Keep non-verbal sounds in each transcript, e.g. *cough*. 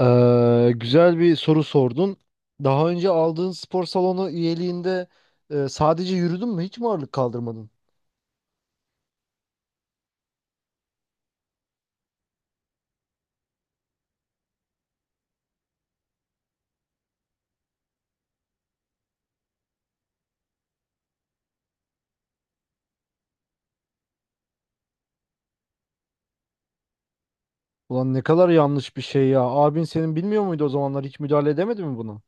Güzel bir soru sordun. Daha önce aldığın spor salonu üyeliğinde sadece yürüdün mü? Hiç mi ağırlık kaldırmadın? Ulan ne kadar yanlış bir şey ya. Abin senin bilmiyor muydu o zamanlar? Hiç müdahale edemedi mi buna?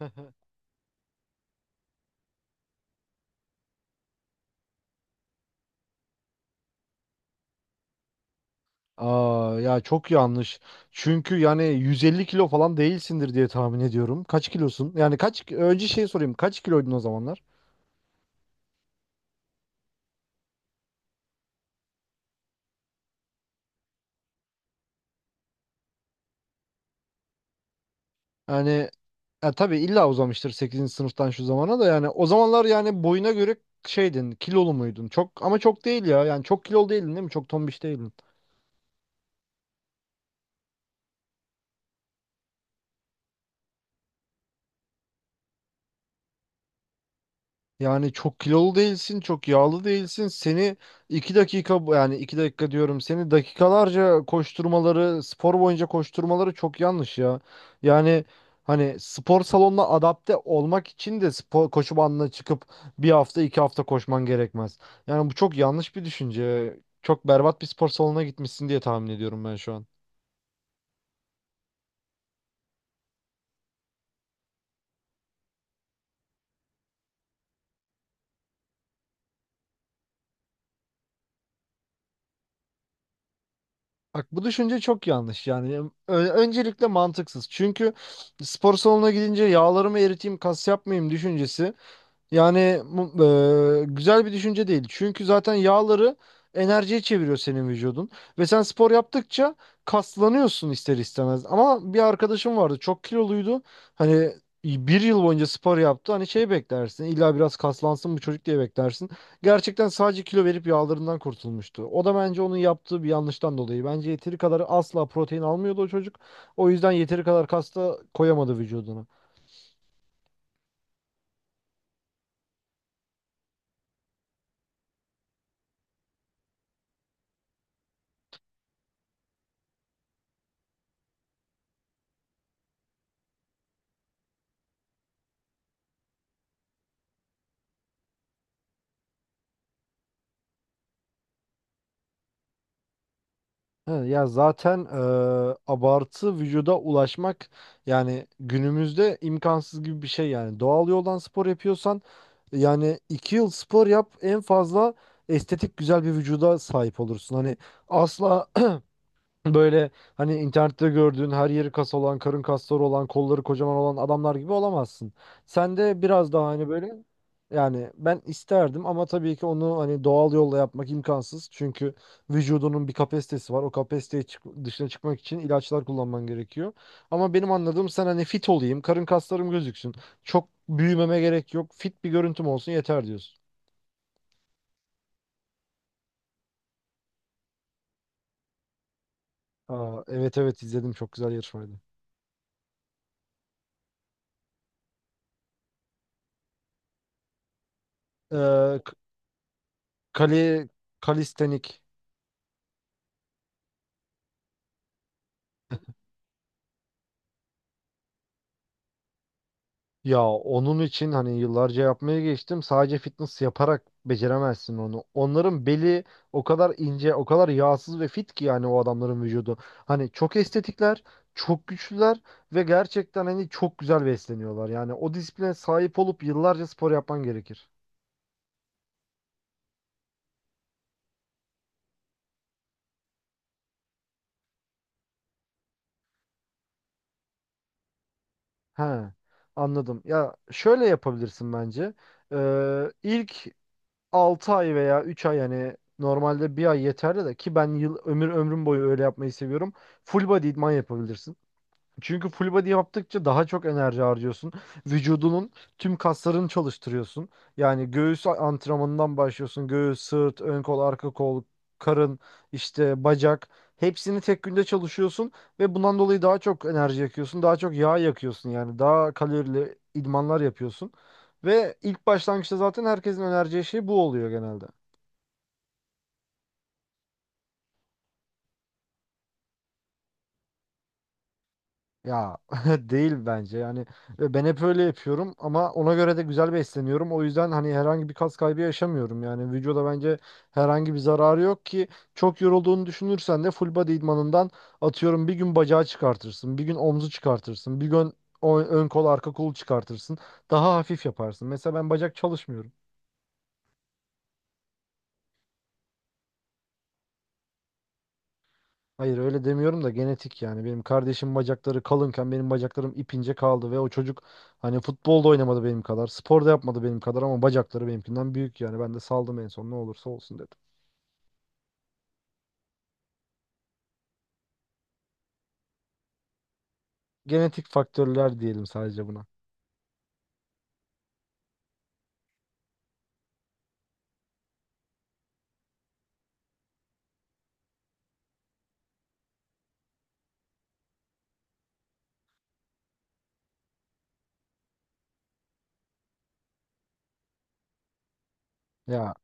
*laughs* Aa, ya çok yanlış. Çünkü yani 150 kilo falan değilsindir diye tahmin ediyorum. Kaç kilosun? Yani kaç önce şey sorayım. Kaç kiloydun o zamanlar? Yani ya tabii illa uzamıştır sekizinci sınıftan şu zamana da, yani o zamanlar yani boyuna göre şeydin, kilolu muydun? Çok, ama çok değil ya, yani çok kilolu değildin değil mi? Çok tombiş değildin. Yani çok kilolu değilsin, çok yağlı değilsin. Seni 2 dakika yani 2 dakika diyorum, seni dakikalarca koşturmaları, spor boyunca koşturmaları çok yanlış ya. Yani hani spor salonuna adapte olmak için de spor koşu bandına çıkıp bir hafta 2 hafta koşman gerekmez. Yani bu çok yanlış bir düşünce. Çok berbat bir spor salonuna gitmişsin diye tahmin ediyorum ben şu an. Bak bu düşünce çok yanlış yani. Öncelikle mantıksız. Çünkü spor salonuna gidince yağlarımı eriteyim, kas yapmayayım düşüncesi, yani güzel bir düşünce değil. Çünkü zaten yağları enerjiye çeviriyor senin vücudun. Ve sen spor yaptıkça kaslanıyorsun ister istemez. Ama bir arkadaşım vardı, çok kiloluydu. Hani bir yıl boyunca spor yaptı. Hani şey, beklersin illa biraz kaslansın bu çocuk diye beklersin. Gerçekten sadece kilo verip yağlarından kurtulmuştu. O da bence onun yaptığı bir yanlıştan dolayı. Bence yeteri kadar asla protein almıyordu o çocuk. O yüzden yeteri kadar kas da koyamadı vücuduna. He, ya zaten abartı vücuda ulaşmak yani günümüzde imkansız gibi bir şey yani. Doğal yoldan spor yapıyorsan yani 2 yıl spor yap en fazla, estetik güzel bir vücuda sahip olursun. Hani asla, böyle hani internette gördüğün her yeri kas olan, karın kasları olan, kolları kocaman olan adamlar gibi olamazsın. Sen de biraz daha hani böyle, yani ben isterdim, ama tabii ki onu hani doğal yolla yapmak imkansız. Çünkü vücudunun bir kapasitesi var. O kapasiteye dışına çıkmak için ilaçlar kullanman gerekiyor. Ama benim anladığım sen hani fit olayım, karın kaslarım gözüksün. Çok büyümeme gerek yok. Fit bir görüntüm olsun yeter diyorsun. Aa, evet evet, izledim, çok güzel yarışmaydı. Ee, k- kali, Kalistenik. Ya onun için hani yıllarca yapmaya geçtim. Sadece fitness yaparak beceremezsin onu. Onların beli o kadar ince, o kadar yağsız ve fit ki yani o adamların vücudu. Hani çok estetikler, çok güçlüler ve gerçekten hani çok güzel besleniyorlar. Yani o disipline sahip olup yıllarca spor yapman gerekir. He, anladım. Ya şöyle yapabilirsin bence. İlk 6 ay veya 3 ay, yani normalde bir ay yeterli de ki ben yıl ömrüm boyu öyle yapmayı seviyorum. Full body idman yapabilirsin. Çünkü full body yaptıkça daha çok enerji harcıyorsun. Vücudunun tüm kaslarını çalıştırıyorsun. Yani göğüs antrenmanından başlıyorsun. Göğüs, sırt, ön kol, arka kol, karın, işte bacak. Hepsini tek günde çalışıyorsun ve bundan dolayı daha çok enerji yakıyorsun. Daha çok yağ yakıyorsun yani. Daha kalorili idmanlar yapıyorsun. Ve ilk başlangıçta zaten herkesin önereceği şey bu oluyor genelde. Ya *laughs* değil bence yani. Ben hep öyle yapıyorum ama ona göre de güzel besleniyorum. O yüzden hani herhangi bir kas kaybı yaşamıyorum. Yani vücuda bence herhangi bir zararı yok ki, çok yorulduğunu düşünürsen de full body idmanından atıyorum bir gün bacağı çıkartırsın, bir gün omzu çıkartırsın, bir gün ön kol arka kolu çıkartırsın. Daha hafif yaparsın. Mesela ben bacak çalışmıyorum. Hayır öyle demiyorum da, genetik yani. Benim kardeşim bacakları kalınken benim bacaklarım ipince kaldı ve o çocuk hani futbolda oynamadı benim kadar, spor da yapmadı benim kadar, ama bacakları benimkinden büyük yani. Ben de saldım en son, ne olursa olsun dedim. Genetik faktörler diyelim sadece buna. Ya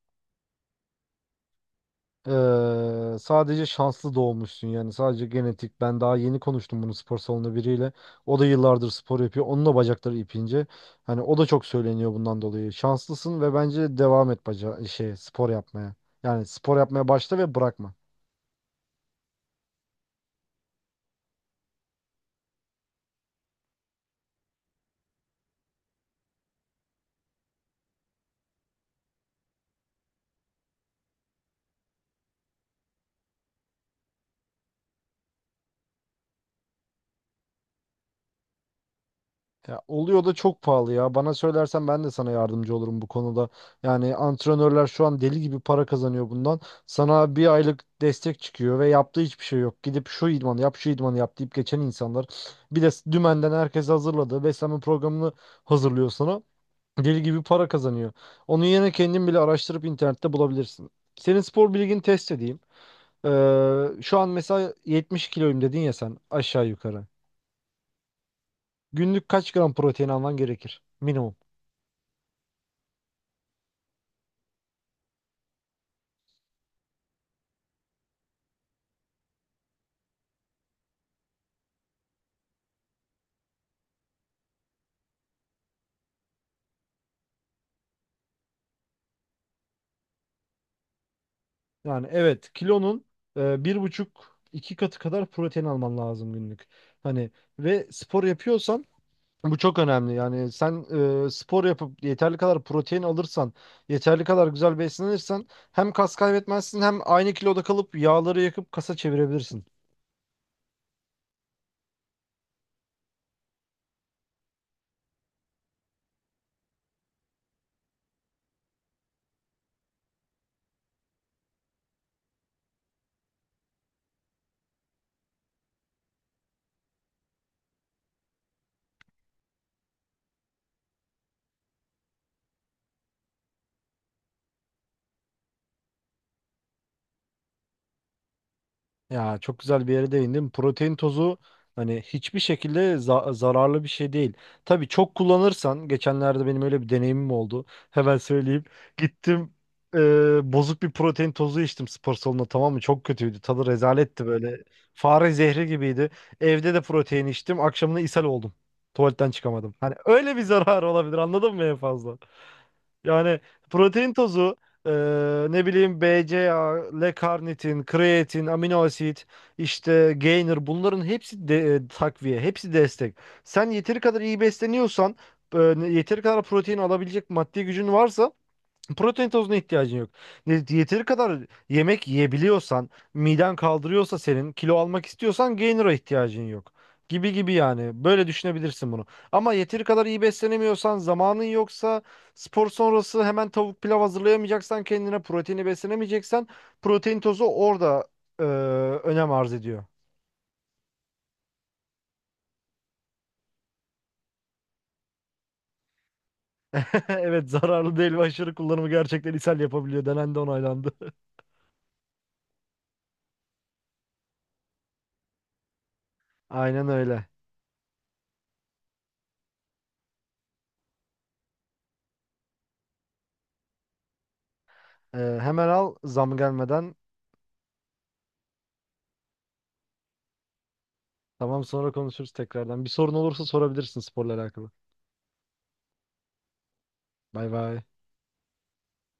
Sadece şanslı doğmuşsun yani, sadece genetik. Ben daha yeni konuştum bunu spor salonu biriyle. O da yıllardır spor yapıyor. Onun da bacakları ipince. Hani o da çok söyleniyor bundan dolayı. Şanslısın ve bence devam et baca şey spor yapmaya. Yani spor yapmaya başla ve bırakma. Ya oluyor da çok pahalı ya. Bana söylersen ben de sana yardımcı olurum bu konuda. Yani antrenörler şu an deli gibi para kazanıyor bundan. Sana bir aylık destek çıkıyor ve yaptığı hiçbir şey yok. Gidip şu idmanı yap, şu idmanı yap deyip geçen insanlar. Bir de dümenden herkes hazırladı. Beslenme programını hazırlıyor sana. Deli gibi para kazanıyor. Onun yerine kendin bile araştırıp internette bulabilirsin. Senin spor bilgini test edeyim. Şu an mesela 70 kiloyum dedin ya sen aşağı yukarı. Günlük kaç gram protein alman gerekir? Minimum. Yani evet, kilonun bir buçuk iki katı kadar protein alman lazım günlük. Hani ve spor yapıyorsan bu çok önemli. Yani sen spor yapıp yeterli kadar protein alırsan, yeterli kadar güzel beslenirsen hem kas kaybetmezsin, hem aynı kiloda kalıp yağları yakıp kasa çevirebilirsin. Ya çok güzel bir yere değindin. Protein tozu hani hiçbir şekilde zararlı bir şey değil. Tabii çok kullanırsan, geçenlerde benim öyle bir deneyimim oldu. Hemen söyleyeyim. Gittim, bozuk bir protein tozu içtim spor salonunda, tamam mı? Çok kötüydü. Tadı rezaletti böyle. Fare zehri gibiydi. Evde de protein içtim. Akşamına ishal oldum. Tuvaletten çıkamadım. Hani öyle bir zarar olabilir, anladın mı, en fazla? Yani protein tozu, e, ne bileyim BCAA, L-karnitin, kreatin, amino asit, işte gainer, bunların hepsi de takviye, hepsi destek. Sen yeteri kadar iyi besleniyorsan, e, yeteri kadar protein alabilecek maddi gücün varsa protein tozuna ihtiyacın yok. Yeteri kadar yemek yiyebiliyorsan, miden kaldırıyorsa senin, kilo almak istiyorsan gainer'a ihtiyacın yok. Gibi gibi yani. Böyle düşünebilirsin bunu. Ama yeteri kadar iyi beslenemiyorsan, zamanın yoksa, spor sonrası hemen tavuk pilav hazırlayamayacaksan, kendine proteini beslenemeyeceksen, protein tozu orada e, önem arz ediyor. *laughs* Evet, zararlı değil ve aşırı kullanımı gerçekten ishal yapabiliyor. Denendi, onaylandı. *laughs* Aynen öyle. Hemen al zam gelmeden. Tamam, sonra konuşuruz tekrardan. Bir sorun olursa sorabilirsin sporla alakalı. Bay bay.